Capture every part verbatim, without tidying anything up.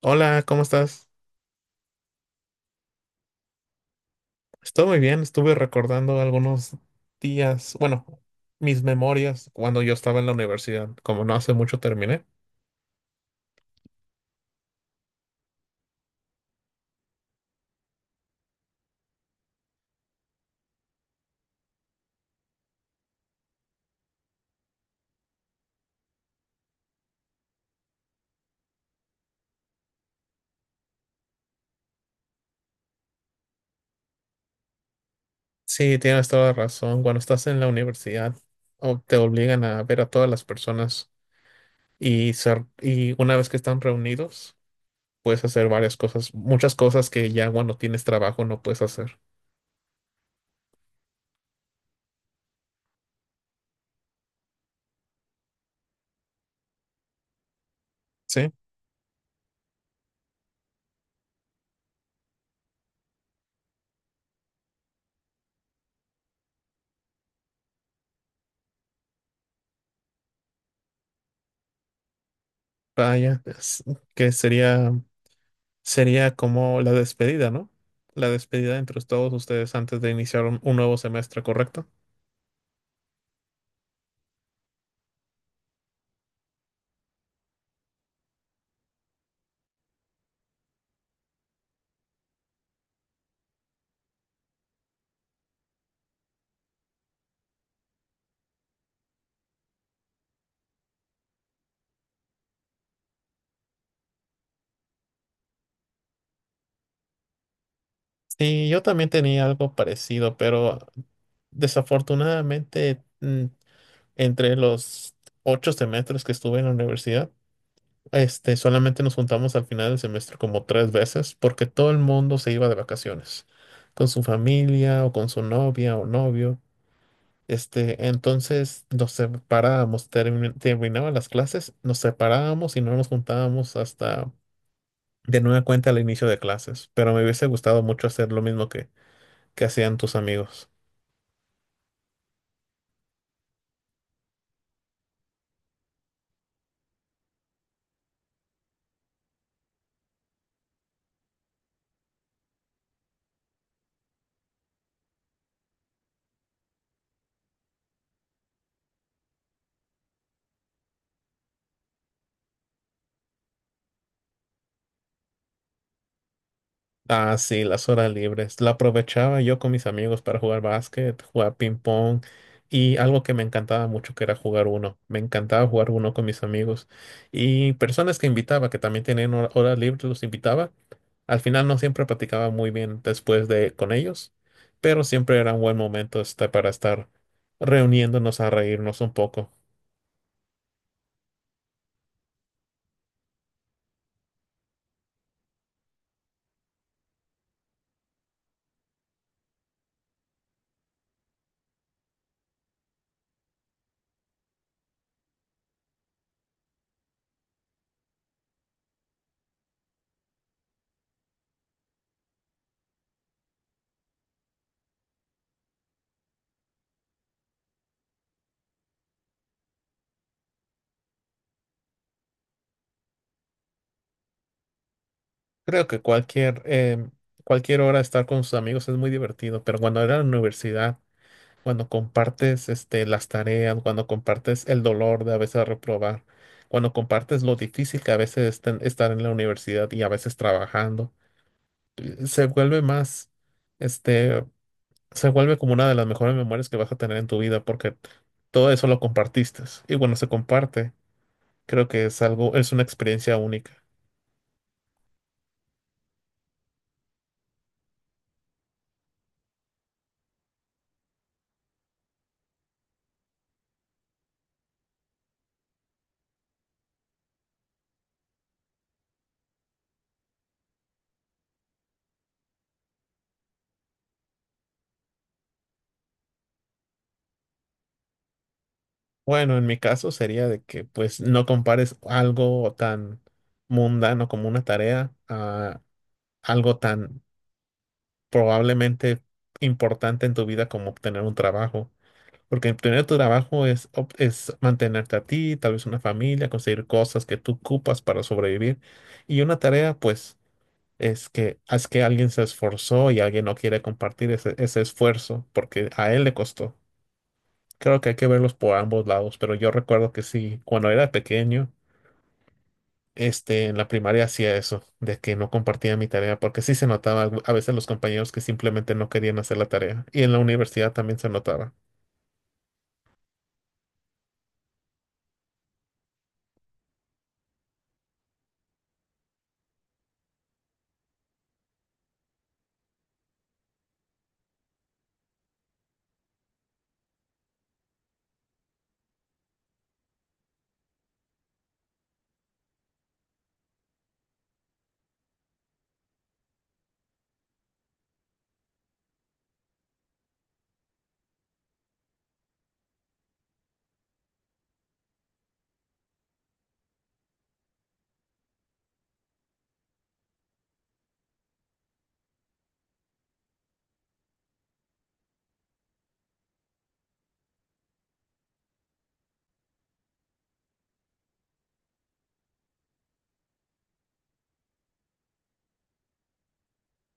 Hola, ¿cómo estás? Estoy muy bien, estuve recordando algunos días, bueno, mis memorias cuando yo estaba en la universidad, como no hace mucho terminé. Sí, tienes toda la razón, cuando estás en la universidad o te obligan a ver a todas las personas y, ser- y una vez que están reunidos, puedes hacer varias cosas, muchas cosas que ya cuando tienes trabajo no puedes hacer. Sí, vaya, es- que sería, sería como la despedida, ¿no? La despedida entre todos ustedes antes de iniciar un, un nuevo semestre, ¿correcto? Sí, yo también tenía algo parecido, pero desafortunadamente mm, entre los ocho semestres que estuve en la universidad, este, solamente nos juntamos al final del semestre como tres veces porque todo el mundo se iba de vacaciones con su familia o con su novia o novio. Este, entonces nos separábamos, termi- terminaban las clases, nos separábamos y no nos juntábamos hasta de nueva cuenta al inicio de clases. Pero me hubiese gustado mucho hacer lo mismo que, que hacían tus amigos. Ah, sí, las horas libres. La aprovechaba yo con mis amigos para jugar básquet, jugar ping pong y algo que me encantaba mucho que era jugar uno. Me encantaba jugar uno con mis amigos y personas que invitaba, que también tenían hor- horas libres, los invitaba. Al final no siempre platicaba muy bien después de con ellos, pero siempre era un buen momento, este, para estar reuniéndonos a reírnos un poco. Creo que cualquier, em, cualquier hora estar con sus amigos es muy divertido, pero cuando era en la universidad, cuando compartes, este, las tareas, cuando compartes el dolor de a veces reprobar, cuando compartes lo difícil que a veces es ten- estar en la universidad y a veces trabajando, eh, se vuelve más, este, se vuelve como una de las mejores memorias que vas a tener en tu vida porque todo eso lo compartiste. Y bueno, se comparte, creo que es algo, es una experiencia única. Bueno, en mi caso sería de que pues no compares algo tan mundano como una tarea a algo tan probablemente importante en tu vida como obtener un trabajo. Porque obtener tu trabajo es, ob- es mantenerte a ti, tal vez una familia, conseguir cosas que tú ocupas para sobrevivir. Y una tarea, pues, es que, es que alguien se esforzó y alguien no quiere compartir ese, ese esfuerzo porque a él le costó. Creo que hay que verlos por ambos lados, pero yo recuerdo que sí, cuando era pequeño. Este, en la primaria hacía eso, de que no compartía mi tarea, porque sí se notaba algu- a veces los compañeros que simplemente no querían hacer la tarea. Y en la universidad también se notaba.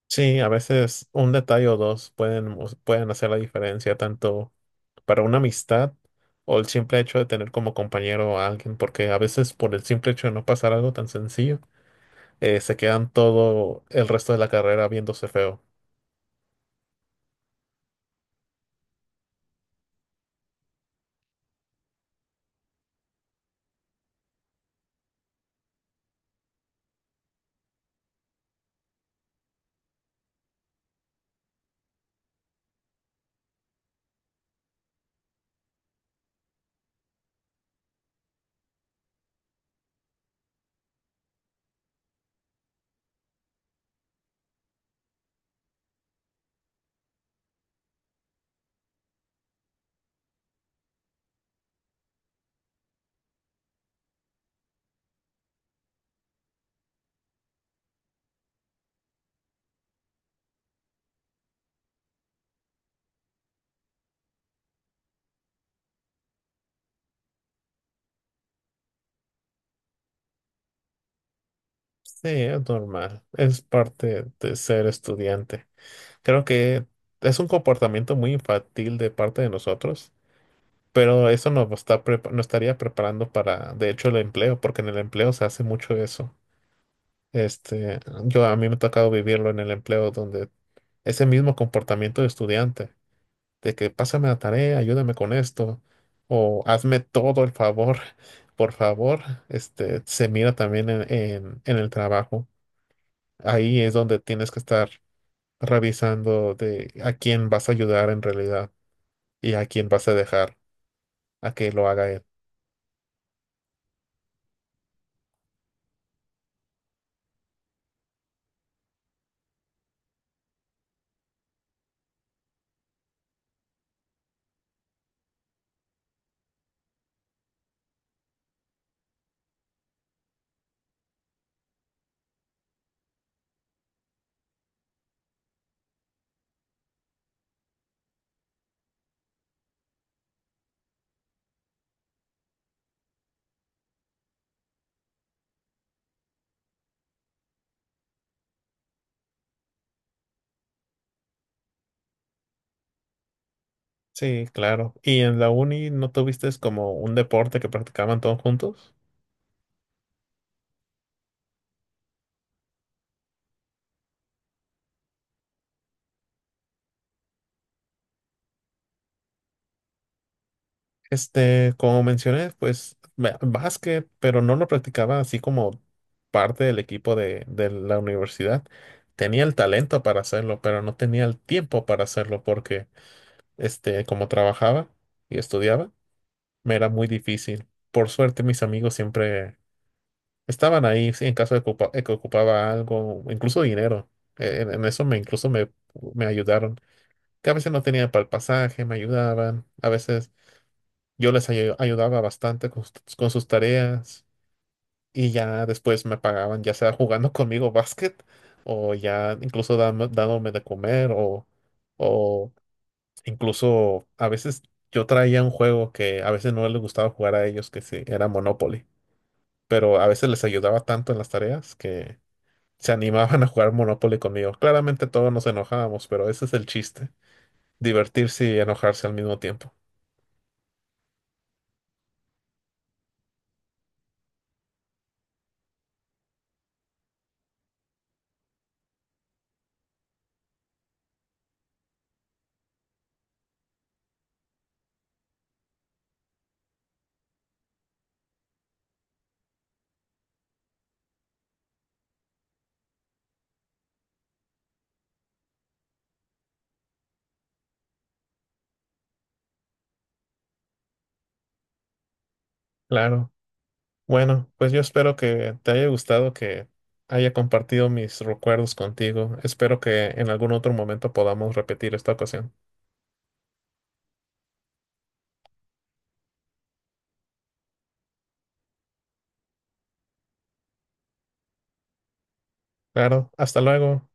Sí, a veces un detalle o dos pueden, mos- pueden hacer la diferencia tanto para una amistad o el simple hecho de tener como compañero a alguien, porque a veces por el simple hecho de no pasar algo tan sencillo, eh, se quedan todo el resto de la carrera viéndose feo. Sí, es normal, es parte de ser estudiante. Creo que es un comportamiento muy infantil de parte de nosotros, pero eso nos está prepa- nos estaría preparando para, de hecho, el empleo, porque en el empleo se hace mucho eso. Este, yo a mí me ha tocado vivirlo en el empleo donde ese mismo comportamiento de estudiante, de que pásame la tarea, ayúdame con esto, o hazme todo el favor, por favor, este, se mira también en, en, en el trabajo. Ahí es donde tienes que estar revisando de a quién vas a ayudar en realidad. ¿Y a quién vas a dejar a que lo haga él? Sí, claro. ¿Y en la uni no tuviste como un deporte que practicaban todos juntos? Este, como mencioné, pues ba- básquet, pero no lo practicaba así como parte del equipo de, de la universidad. Tenía el talento para hacerlo, pero no tenía el tiempo para hacerlo porque, este, como trabajaba y estudiaba, me era muy difícil. Por suerte, mis amigos siempre estaban ahí, sí, en caso de, ocupa- de que ocupaba algo, incluso dinero. Eh, En, en eso me incluso me, me ayudaron. Que a veces no tenía para el pasaje, me ayudaban. A veces yo les ayu- ayudaba bastante con, sus con sus tareas. Y ya después me pagaban, ya sea jugando conmigo básquet, o ya incluso dam- dándome de comer, o, o incluso a veces yo traía un juego que a veces no les gustaba jugar a ellos, que sí, era Monopoly. Pero a veces les ayudaba tanto en las tareas que se animaban a jugar Monopoly conmigo. Claramente todos nos enojábamos, pero ese es el chiste, divertirse y enojarse al mismo tiempo. Claro. Bueno, pues yo espero que te haya gustado, que haya compartido mis recuerdos contigo. Espero que en algún otro momento podamos repetir esta ocasión. Claro, hasta luego.